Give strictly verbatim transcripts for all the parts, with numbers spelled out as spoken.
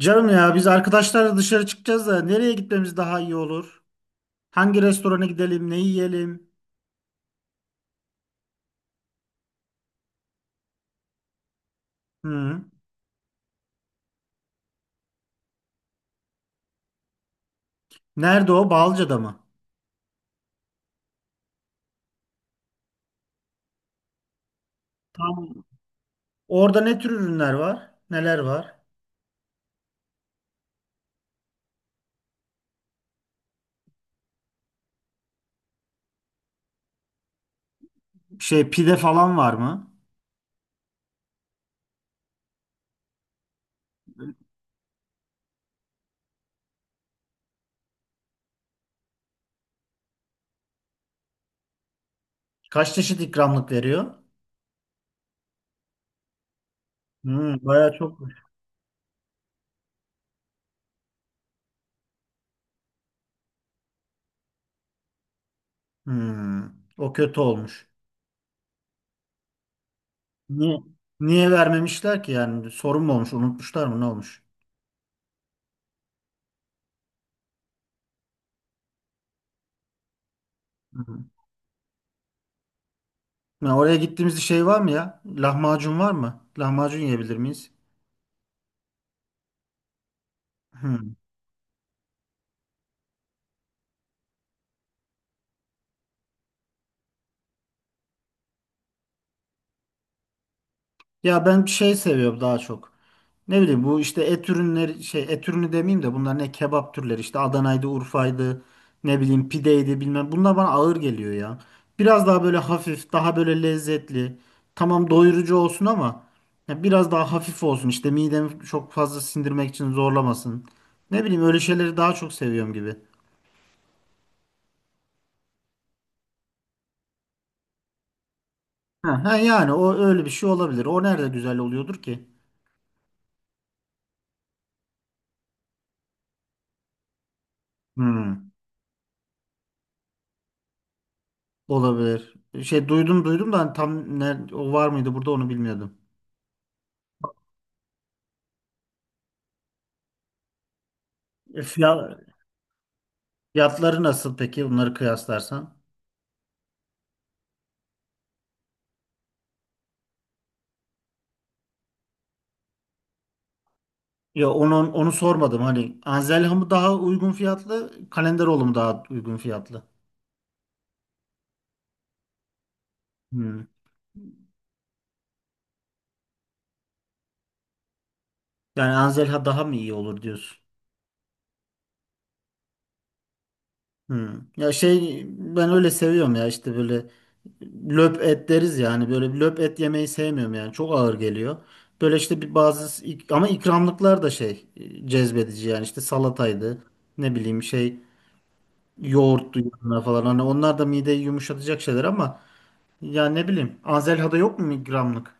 Canım ya biz arkadaşlarla dışarı çıkacağız da nereye gitmemiz daha iyi olur? Hangi restorana gidelim, ne yiyelim? Hı. Nerede o? Balca'da mı? Tam. Orada ne tür ürünler var? Neler var? Şey pide falan var mı? Kaç çeşit ikramlık veriyor? Hı, bayağı çokmuş. Hı, o kötü olmuş. Niye? Niye vermemişler ki yani? Sorun mu olmuş? Unutmuşlar mı? Ne olmuş? Hı. Ya oraya gittiğimizde şey var mı ya? Lahmacun var mı? Lahmacun yiyebilir miyiz? Hı. Ya ben şey seviyorum daha çok. Ne bileyim bu işte et ürünleri şey et ürünü demeyeyim de bunlar ne kebap türleri işte Adana'ydı, Urfa'ydı, ne bileyim pideydi bilmem. Bunlar bana ağır geliyor ya. Biraz daha böyle hafif, daha böyle lezzetli. Tamam doyurucu olsun ama ya biraz daha hafif olsun. İşte midemi çok fazla sindirmek için zorlamasın. Ne bileyim öyle şeyleri daha çok seviyorum gibi. Ha, ha yani o öyle bir şey olabilir. O nerede güzel oluyordur ki? Hmm. Olabilir. Şey duydum duydum da hani tam ne, o var mıydı burada onu bilmiyordum. E, fiya- fiyatları nasıl peki onları kıyaslarsan? Ya onu onu sormadım hani Anzelha mı daha uygun fiyatlı, Kalenderoğlu mu daha uygun fiyatlı? Hmm. Yani Anzelha daha mı iyi olur diyorsun? Hmm. Ya şey ben öyle seviyorum ya işte böyle löp et deriz ya hani böyle bir löp et yemeyi sevmiyorum yani çok ağır geliyor. Böyle işte bir bazı ik- ama ikramlıklar da şey e, cezbedici yani işte salataydı ne bileyim şey yoğurttu yanına falan hani onlar da mideyi yumuşatacak şeyler ama ya ne bileyim Anzelha'da yok mu ikramlık?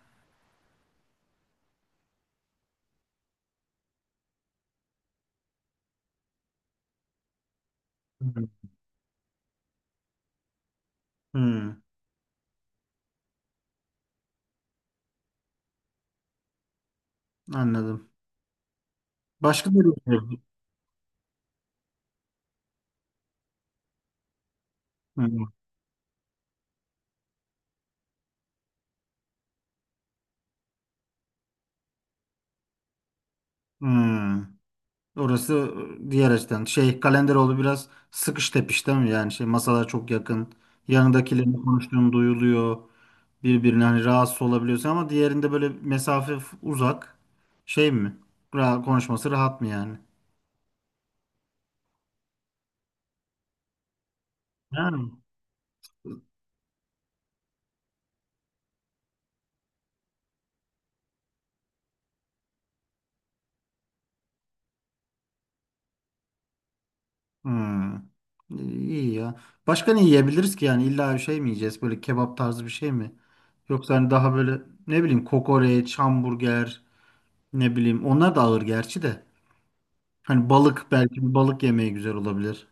Hmm. Hmm. Anladım. Başka bir. Hmm. Hmm. Orası e, diğer açıdan. Şey Kalenderoğlu biraz sıkış tepiş değil mi? Yani şey masalar çok yakın. Yanındakilerin konuştuğunu duyuluyor. Birbirine hani rahatsız olabiliyorsun ama diğerinde böyle mesafe f- uzak. Şey mi? Ra konuşması rahat mı yani? Yani. Hmm. İyi ya. Başka ne yiyebiliriz ki yani? İlla bir şey mi yiyeceğiz? Böyle kebap tarzı bir şey mi? Yoksa hani daha böyle ne bileyim kokoreç, hamburger, ne bileyim onlar da ağır gerçi de. Hani balık belki bir balık yemeği güzel olabilir.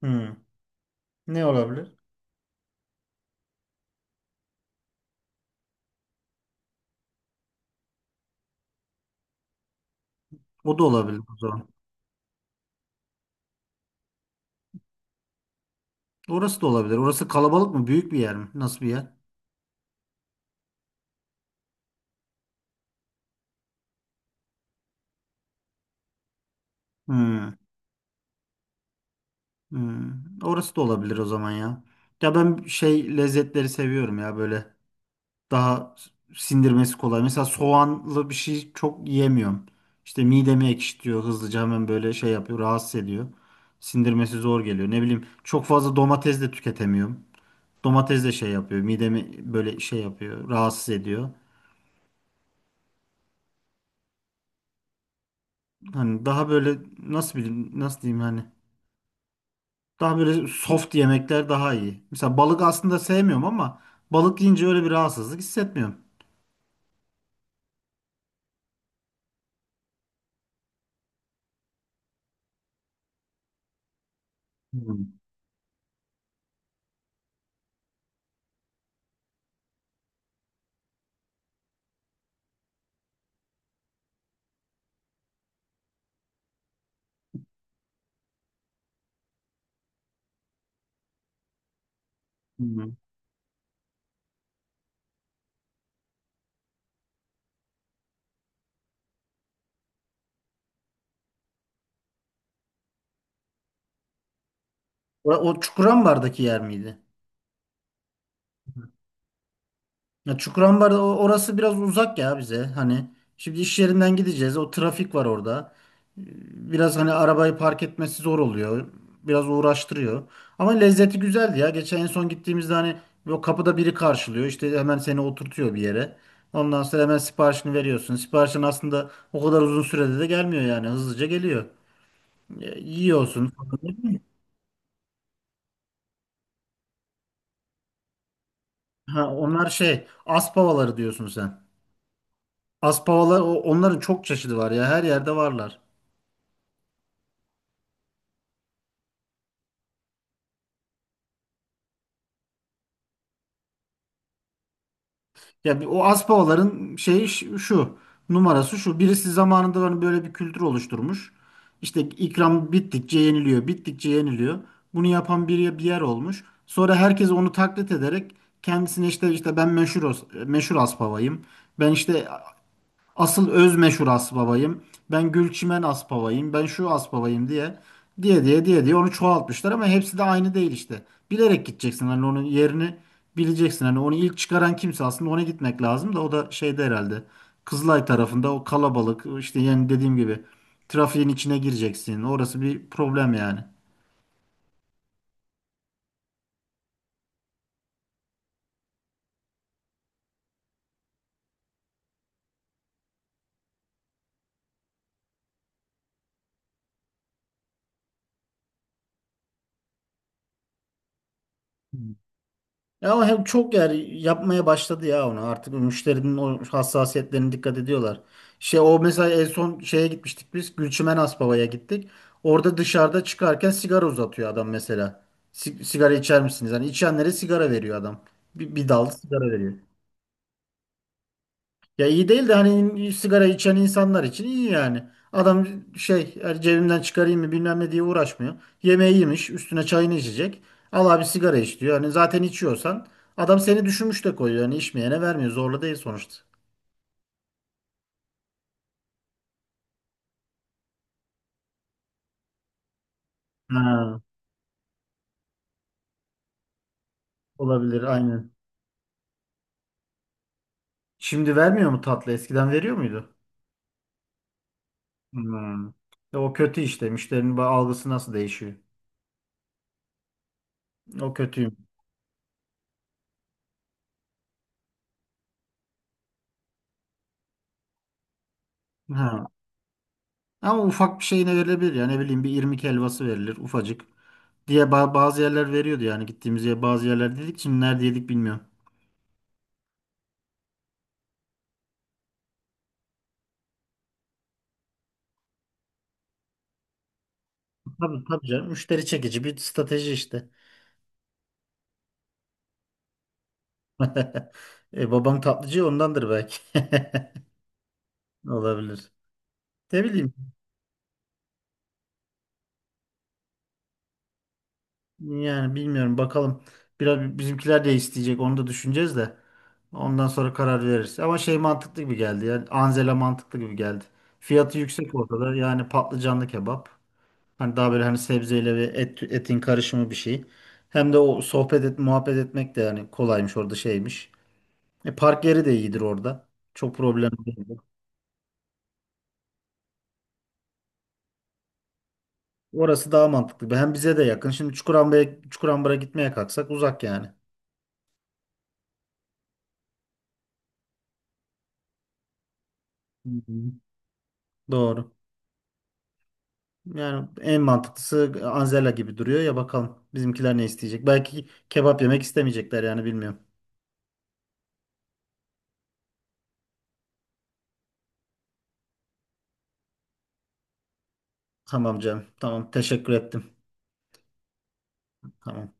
Hmm. Ne olabilir? O da olabilir o zaman. Orası da olabilir. Orası kalabalık mı? Büyük bir yer mi? Nasıl bir yer? Hmm. Hmm. Orası da olabilir o zaman ya. Ya ben şey lezzetleri seviyorum ya böyle daha sindirmesi kolay. Mesela soğanlı bir şey çok yiyemiyorum. İşte midemi ekşitiyor hızlıca hemen böyle şey yapıyor rahatsız ediyor. Sindirmesi zor geliyor. Ne bileyim çok fazla domates de tüketemiyorum. Domates de şey yapıyor midemi böyle şey yapıyor rahatsız ediyor. Hani daha böyle nasıl bileyim nasıl diyeyim hani daha böyle soft yemekler daha iyi. Mesela balık aslında sevmiyorum ama balık yiyince öyle bir rahatsızlık hissetmiyorum. Hmm. Hı. O, o Çukurambar'daki yer miydi? Ya Çukurambar o- orası biraz uzak ya bize. Hani şimdi iş yerinden gideceğiz. O trafik var orada. Biraz hani arabayı park etmesi zor oluyor. Biraz uğraştırıyor. Ama lezzeti güzeldi ya. Geçen en son gittiğimizde hani o kapıda biri karşılıyor. İşte hemen seni oturtuyor bir yere. Ondan sonra hemen siparişini veriyorsun. Siparişin aslında o kadar uzun sürede de gelmiyor yani. Hızlıca geliyor. E, yiyorsun. Ha, onlar şey, aspavaları diyorsun sen. Aspavalar o- onların çok çeşidi var ya. Her yerde varlar. Ya bir- o Aspavaların şeyi ş- şu numarası şu. Birisi zamanında hani böyle bir kültür oluşturmuş. İşte ikram bittikçe yeniliyor, bittikçe yeniliyor. Bunu yapan bir, bir yer olmuş. Sonra herkes onu taklit ederek kendisine işte işte ben meşhur os- meşhur Aspavayım. Ben işte asıl öz meşhur Asbabayım. Ben Gülçimen Asbabayım. Ben şu Asbabayım diye diye diye diye diye onu çoğaltmışlar ama hepsi de aynı değil işte. Bilerek gideceksin hani onun yerini bileceksin. Hani onu ilk çıkaran kimse aslında ona gitmek lazım da o da şeyde herhalde. Kızılay tarafında o kalabalık işte yani dediğim gibi trafiğin içine gireceksin. Orası bir problem yani. Ya ama hem çok yer yapmaya başladı ya onu. Artık müşterinin o hassasiyetlerine dikkat ediyorlar. Şey o mesela en son şeye gitmiştik biz. Gülçimen Aspava'ya gittik. Orada dışarıda çıkarken sigara uzatıyor adam mesela. Si- sigara içer misiniz? Yani içenlere sigara veriyor adam. Bir, bir dal sigara veriyor. Ya iyi değil de hani sigara içen insanlar için iyi yani. Adam şey yani cebimden çıkarayım mı bilmem ne diye uğraşmıyor. Yemeği yemiş üstüne çayını içecek. Al abi sigara iç diyor. Hani zaten içiyorsan adam seni düşünmüş de koyuyor. Hani içmeyene vermiyor zorla değil sonuçta. Ha, olabilir aynen. Şimdi vermiyor mu tatlı eskiden veriyor muydu? Hmm. Ya o kötü işte müşterinin ba- algısı nasıl değişiyor? O kötüyüm. Ha. Ama ufak bir şeyine verilebilir yani ne bileyim bir irmik helvası verilir ufacık. Diye ba- bazı yerler veriyordu yani gittiğimiz yer bazı yerler dedik şimdi nerede yedik bilmiyorum. Tabii tabii canım müşteri çekici bir strateji işte. E, babam tatlıcı ondandır belki. Olabilir. Ne bileyim yani bilmiyorum bakalım. Biraz bizimkiler de isteyecek onu da düşüneceğiz de. Ondan sonra karar veririz. Ama şey mantıklı gibi geldi yani Anzela mantıklı gibi geldi. Fiyatı yüksek ortada yani patlıcanlı kebap. Hani daha böyle hani sebzeyle ve et, etin karışımı bir şey. Hem de o sohbet et, muhabbet etmek de yani kolaymış orada şeymiş. E, park yeri de iyidir orada. Çok problem değil. Orası daha mantıklı. Hem bize de yakın. Şimdi Çukurambara'ya Çukurambar'a gitmeye kalksak uzak yani. Hı hı. Doğru. Yani en mantıklısı Anzela gibi duruyor ya bakalım bizimkiler ne isteyecek. Belki kebap yemek istemeyecekler yani bilmiyorum. Tamam canım. Tamam teşekkür ettim. Tamam.